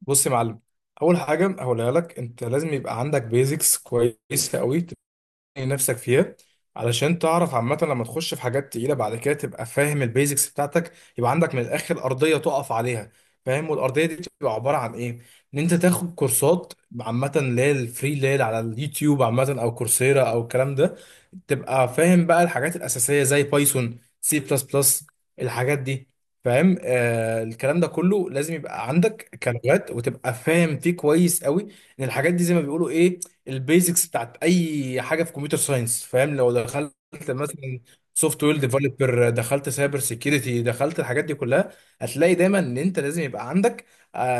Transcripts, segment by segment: بص يا معلم. اول حاجه هقولها لك، انت لازم يبقى عندك بيزكس كويسه قوي نفسك فيها، علشان تعرف عامة لما تخش في حاجات تقيلة بعد كده تبقى فاهم البيزكس بتاعتك. يبقى عندك من الآخر أرضية تقف عليها، فاهم؟ والأرضية دي بتبقى عبارة عن إيه؟ إن أنت تاخد كورسات عامة، اللي هي الفري، اللي هي على اليوتيوب، عامة، أو كورسيرا أو الكلام ده. تبقى فاهم بقى الحاجات الأساسية زي بايثون، سي بلس بلس، الحاجات دي. فاهم؟ آه، الكلام ده كله لازم يبقى عندك كلغات وتبقى فاهم فيه كويس قوي. ان الحاجات دي زي ما بيقولوا ايه، البيزكس بتاعت اي حاجه في كمبيوتر ساينس. فاهم؟ لو دخلت مثلا سوفت وير ديفلوبر، دخلت سايبر سيكيورتي، دخلت الحاجات دي كلها، هتلاقي دايما ان انت لازم يبقى عندك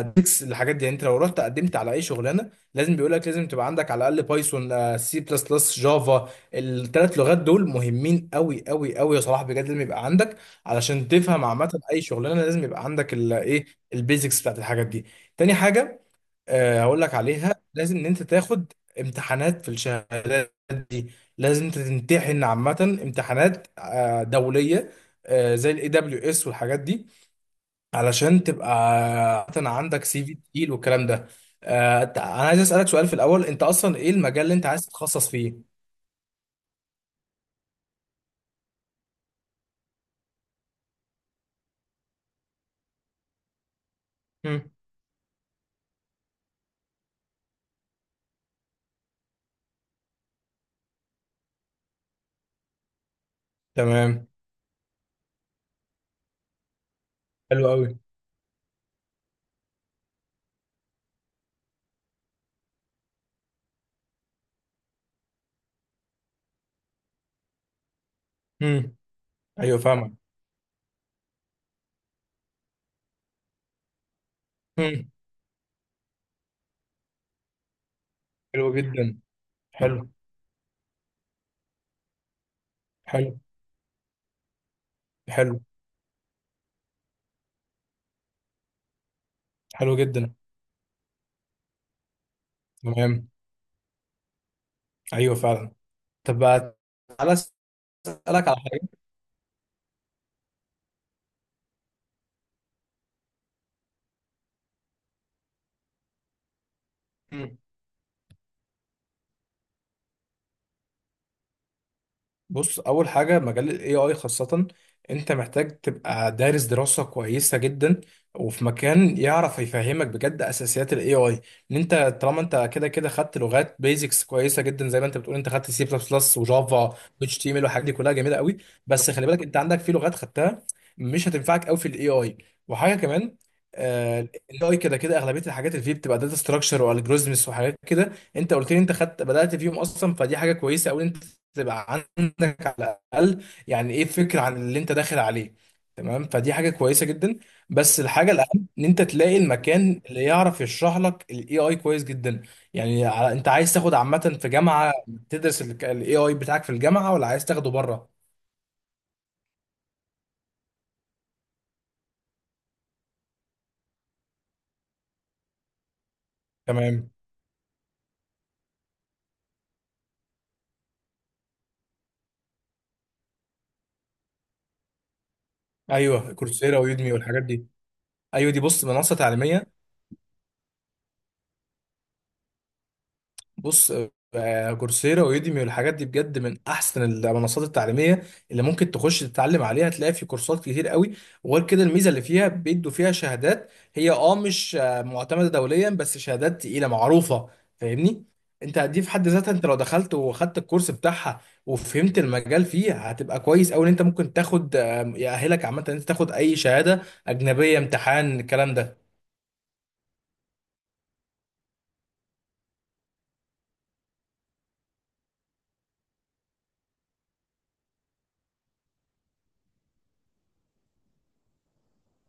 بيزكس الحاجات دي. يعني انت لو رحت قدمت على اي شغلانه، لازم بيقول لك لازم تبقى عندك على الاقل بايثون، سي بلس بلس، جافا. الثلاث لغات دول مهمين قوي قوي قوي يا صلاح، بجد لازم يبقى عندك، علشان تفهم عامه اي شغلانه لازم يبقى عندك الايه، البيزكس بتاعت الحاجات دي. تاني حاجه هقول لك عليها، لازم ان انت تاخد امتحانات في الشهادات دي. لازم انت تمتحن عامه امتحانات دوليه، زي الاي دبليو اس والحاجات دي، علشان تبقى عامة عندك سي في تقيل والكلام ده. انا عايز اسالك سؤال في الاول، انت اصلا ايه المجال اللي انت عايز تتخصص فيه؟ مم. تمام. حلو قوي. امم. ايوه فاهمك. امم. حلو جدا. حلو. حلو. حلو. حلو جدا. تمام. ايوه فعلا. طب بقى تعالى اسالك على حاجه. مم. بص، اول حاجه مجال الاي اي خاصه انت محتاج تبقى دارس دراسه كويسه جدا، وفي مكان يعرف يفهمك بجد اساسيات الاي اي. ان انت طالما انت كده كده خدت لغات بيزكس كويسه جدا، زي ما انت بتقول انت خدت سي بلس بلس وجافا واتش تي ام ال والحاجات دي، كلها جميله قوي. بس خلي بالك انت عندك في لغات خدتها مش هتنفعك قوي في الاي اي. وحاجه كمان، الاي اي كده كده اغلبيه الحاجات اللي فيه بتبقى داتا ستراكشر والجوريزمز وحاجات كده، انت قلت لي انت خدت بدات فيهم اصلا، فدي حاجه كويسه قوي، انت تبقى عندك على الاقل يعني ايه فكره عن اللي انت داخل عليه. تمام، فدي حاجه كويسه جدا. بس الحاجه الاهم ان انت تلاقي المكان اللي يعرف يشرح لك الاي اي كويس جدا. يعني انت عايز تاخد عامه في جامعه تدرس الاي اي بتاعك في الجامعه، ولا عايز تاخده بره؟ تمام. ايوه، كورسيرا ويودمي والحاجات دي. ايوه دي، بص، منصه تعليميه. بص، كورسيرا ويوديمي والحاجات دي بجد من احسن المنصات التعليميه اللي ممكن تخش تتعلم عليها. هتلاقي في كورسات كتير قوي، وغير كده الميزه اللي فيها بيدوا فيها شهادات. هي مش معتمده دوليا، بس شهادات تقيله معروفه، فاهمني. انت دي في حد ذاتها، انت لو دخلت وخدت الكورس بتاعها وفهمت المجال فيه، هتبقى كويس قوي ان انت ممكن تاخد يأهلك عامه ان انت تاخد اي شهاده اجنبيه، امتحان الكلام ده.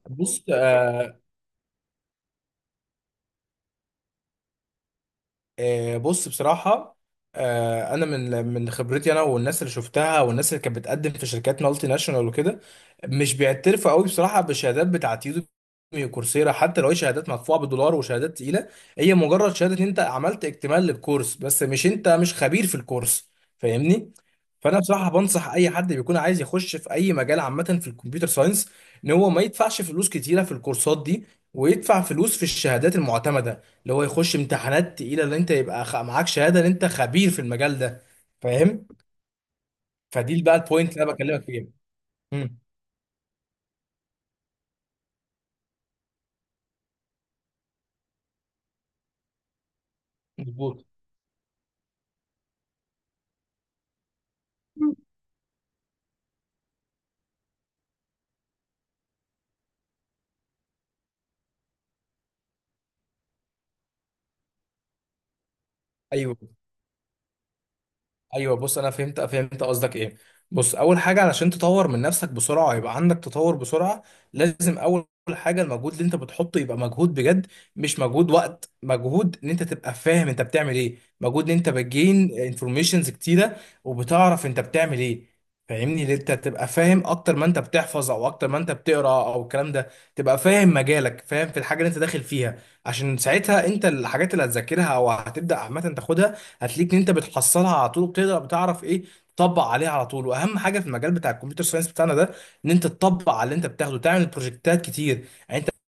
بص آه، بص بصراحة، أنا من خبرتي أنا والناس اللي شفتها والناس اللي كانت بتقدم في شركات مالتي ناشونال وكده، مش بيعترفوا قوي بصراحة بالشهادات بتاعت يوديمي وكورسيرا، حتى لو هي شهادات مدفوعة بالدولار وشهادات تقيلة. هي مجرد شهادة إن أنت عملت اكتمال للكورس، بس مش أنت مش خبير في الكورس، فاهمني؟ فأنا بصراحة بنصح أي حد بيكون عايز يخش في أي مجال عامة في الكمبيوتر ساينس، إن هو ما يدفعش فلوس كتيرة في الكورسات دي، ويدفع فلوس في الشهادات المعتمدة، اللي هو يخش امتحانات تقيله اللي انت يبقى معاك شهاده ان انت خبير في المجال ده، فاهم؟ فدي بقى البوينت اللي انا بكلمك فيها. امم. مظبوط. ايوه ايوه. بص انا فهمت قصدك ايه. بص، اول حاجه علشان تطور من نفسك بسرعه يبقى عندك تطور بسرعه، لازم اول حاجه المجهود اللي انت بتحطه يبقى مجهود بجد، مش مجهود وقت، مجهود ان انت تبقى فاهم انت بتعمل ايه، مجهود ان انت بتجين انفورميشنز كتيره وبتعرف انت بتعمل ايه. فاهمني، ان انت تبقى فاهم اكتر ما انت بتحفظ، او اكتر ما انت بتقرا او الكلام ده. تبقى فاهم مجالك، فاهم في الحاجه اللي انت داخل فيها، عشان ساعتها انت الحاجات اللي هتذاكرها او هتبدا عامه تاخدها، هتلاقيك ان انت بتحصلها على طول، وبتقدر بتعرف ايه تطبق عليها على طول. واهم حاجه في المجال بتاع الكمبيوتر ساينس بتاعنا ده ان انت تطبق على اللي انت بتاخده، تعمل بروجكتات كتير. يعني انت السي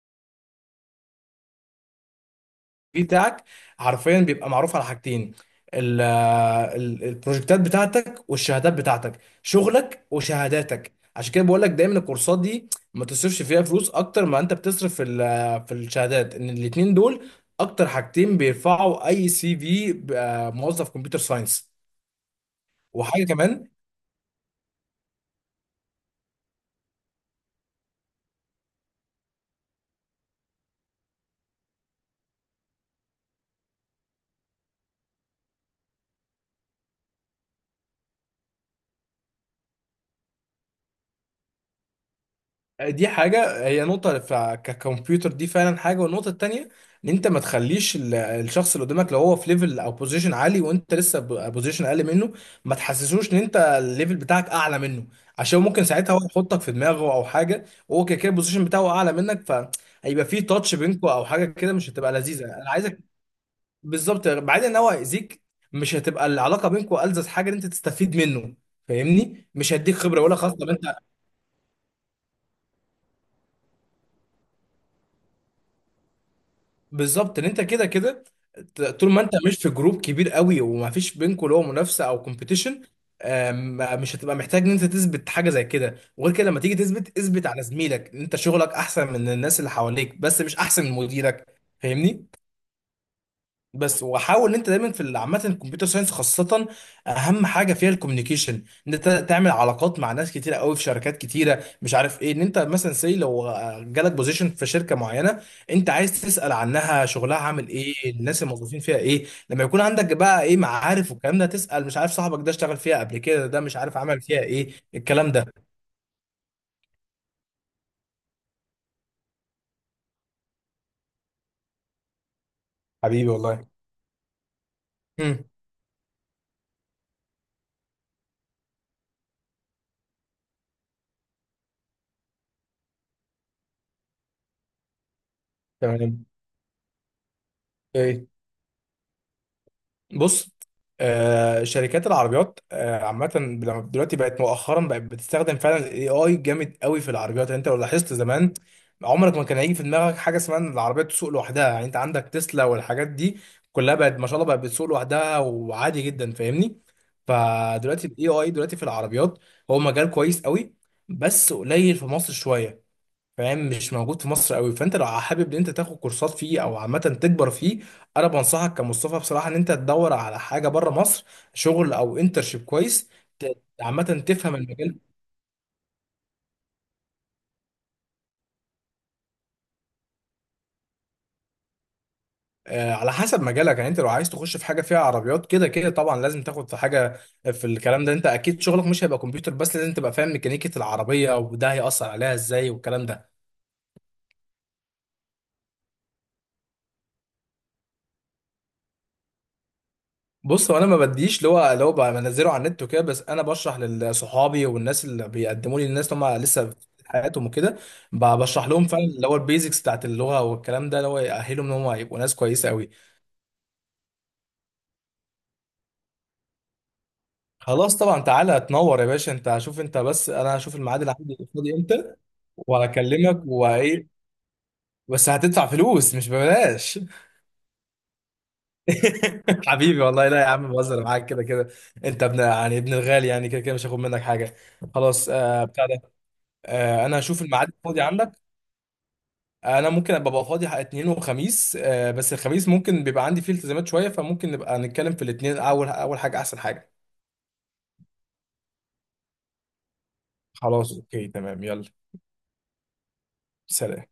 في بتاعك حرفيا بيبقى معروف على حاجتين، البروجكتات بتاعتك والشهادات بتاعتك، شغلك وشهاداتك. عشان كده بقول لك دايما الكورسات دي ما تصرفش فيها فلوس اكتر ما انت بتصرف في في الشهادات، ان الاتنين دول اكتر حاجتين بيرفعوا اي سي في موظف كمبيوتر ساينس. وحاجه كمان، دي حاجة، هي نقطة ككمبيوتر، دي فعلا حاجة. والنقطة التانية، إن أنت ما تخليش الشخص اللي قدامك، لو هو في ليفل أو بوزيشن عالي وأنت لسه بوزيشن أقل منه، ما تحسسوش إن أنت الليفل بتاعك أعلى منه، عشان ممكن ساعتها هو يحطك في دماغه أو حاجة، وهو كده كده البوزيشن بتاعه أعلى منك، فهيبقى في تاتش بينكوا أو حاجة كده مش هتبقى لذيذة، أنا عايزك بالظبط بعيد إن هو هيأذيك. مش هتبقى العلاقة بينكوا ألذذ حاجة إن أنت تستفيد منه، فاهمني؟ مش هيديك خبرة ولا خاصة. بالظبط، ان انت كده كده، طول ما انت مش في جروب كبير قوي، وما فيش بينكم اللي هو منافسه او كومبيتيشن، مش هتبقى محتاج ان انت تثبت حاجه زي كده. وغير كده، لما تيجي تثبت، اثبت على زميلك ان انت شغلك احسن من الناس اللي حواليك، بس مش احسن من مديرك، فاهمني. بس وحاول ان انت دايما في عامه الكمبيوتر ساينس خاصه، اهم حاجه فيها الكوميونيكيشن، ان انت تعمل علاقات مع ناس كتيره قوي في شركات كتيره مش عارف ايه. ان انت مثلا سي لو جالك بوزيشن في شركه معينه انت عايز تسال عنها شغلها عامل ايه، الناس الموظفين فيها ايه، لما يكون عندك بقى ايه معارف والكلام ده، تسال مش عارف صاحبك ده اشتغل فيها قبل كده، ده مش عارف عمل فيها ايه، الكلام ده. حبيبي والله. امم. تمام. ايه. بص، شركات العربيات عامة لما دلوقتي بقت مؤخرا بقت بتستخدم فعلا الاي اي جامد قوي في العربيات. يعني انت لو لاحظت زمان، عمرك ما كان هيجي في دماغك حاجة اسمها ان العربية تسوق لوحدها. يعني انت عندك تسلا والحاجات دي كلها بقت ما شاء الله بقت بتسوق لوحدها وعادي جدا، فاهمني. فدلوقتي الاي اي دلوقتي في العربيات هو مجال كويس قوي، بس قليل في مصر شوية. فاهم؟ مش موجود في مصر قوي. فانت لو حابب ان انت تاخد كورسات فيه او عامه تكبر فيه، انا بنصحك كمصطفى بصراحه ان انت تدور على حاجه بره مصر، شغل او انترشيب كويس، عامه تفهم المجال. آه، على حسب مجالك، يعني انت لو عايز تخش في حاجه فيها عربيات، كده كده طبعا لازم تاخد في حاجه في الكلام ده، انت اكيد شغلك مش هيبقى كمبيوتر بس، لازم تبقى فاهم ميكانيكيه العربيه وده هيأثر عليها ازاي والكلام ده. بص، هو انا ما بديش اللي هو بقى بنزله على النت وكده، بس انا بشرح لصحابي والناس اللي بيقدموا لي، الناس اللي هم لسه في حياتهم وكده، بشرح لهم فعلا اللي هو البيزكس بتاعت اللغه والكلام ده، اللي هو يأهلهم ان هم يبقوا ناس كويسه قوي. خلاص طبعا، تعالى تنور يا باشا، انت شوف، انت بس، انا هشوف الميعاد اللي عندي فاضي امتى وهكلمك. وايه، بس هتدفع فلوس مش ببلاش. حبيبي والله، لا يا عم بهزر معاك، كده كده انت ابن يعني ابن الغالي، يعني كده كده مش هاخد منك حاجه. خلاص. آه بتاع ده. انا هشوف الميعاد الفاضي عندك. انا ممكن ابقى بقى فاضي حق اثنين وخميس، بس الخميس ممكن بيبقى عندي فيه التزامات شويه، فممكن نبقى نتكلم في الاثنين اول حاجه احسن حاجه. خلاص، اوكي تمام، يلا سلام.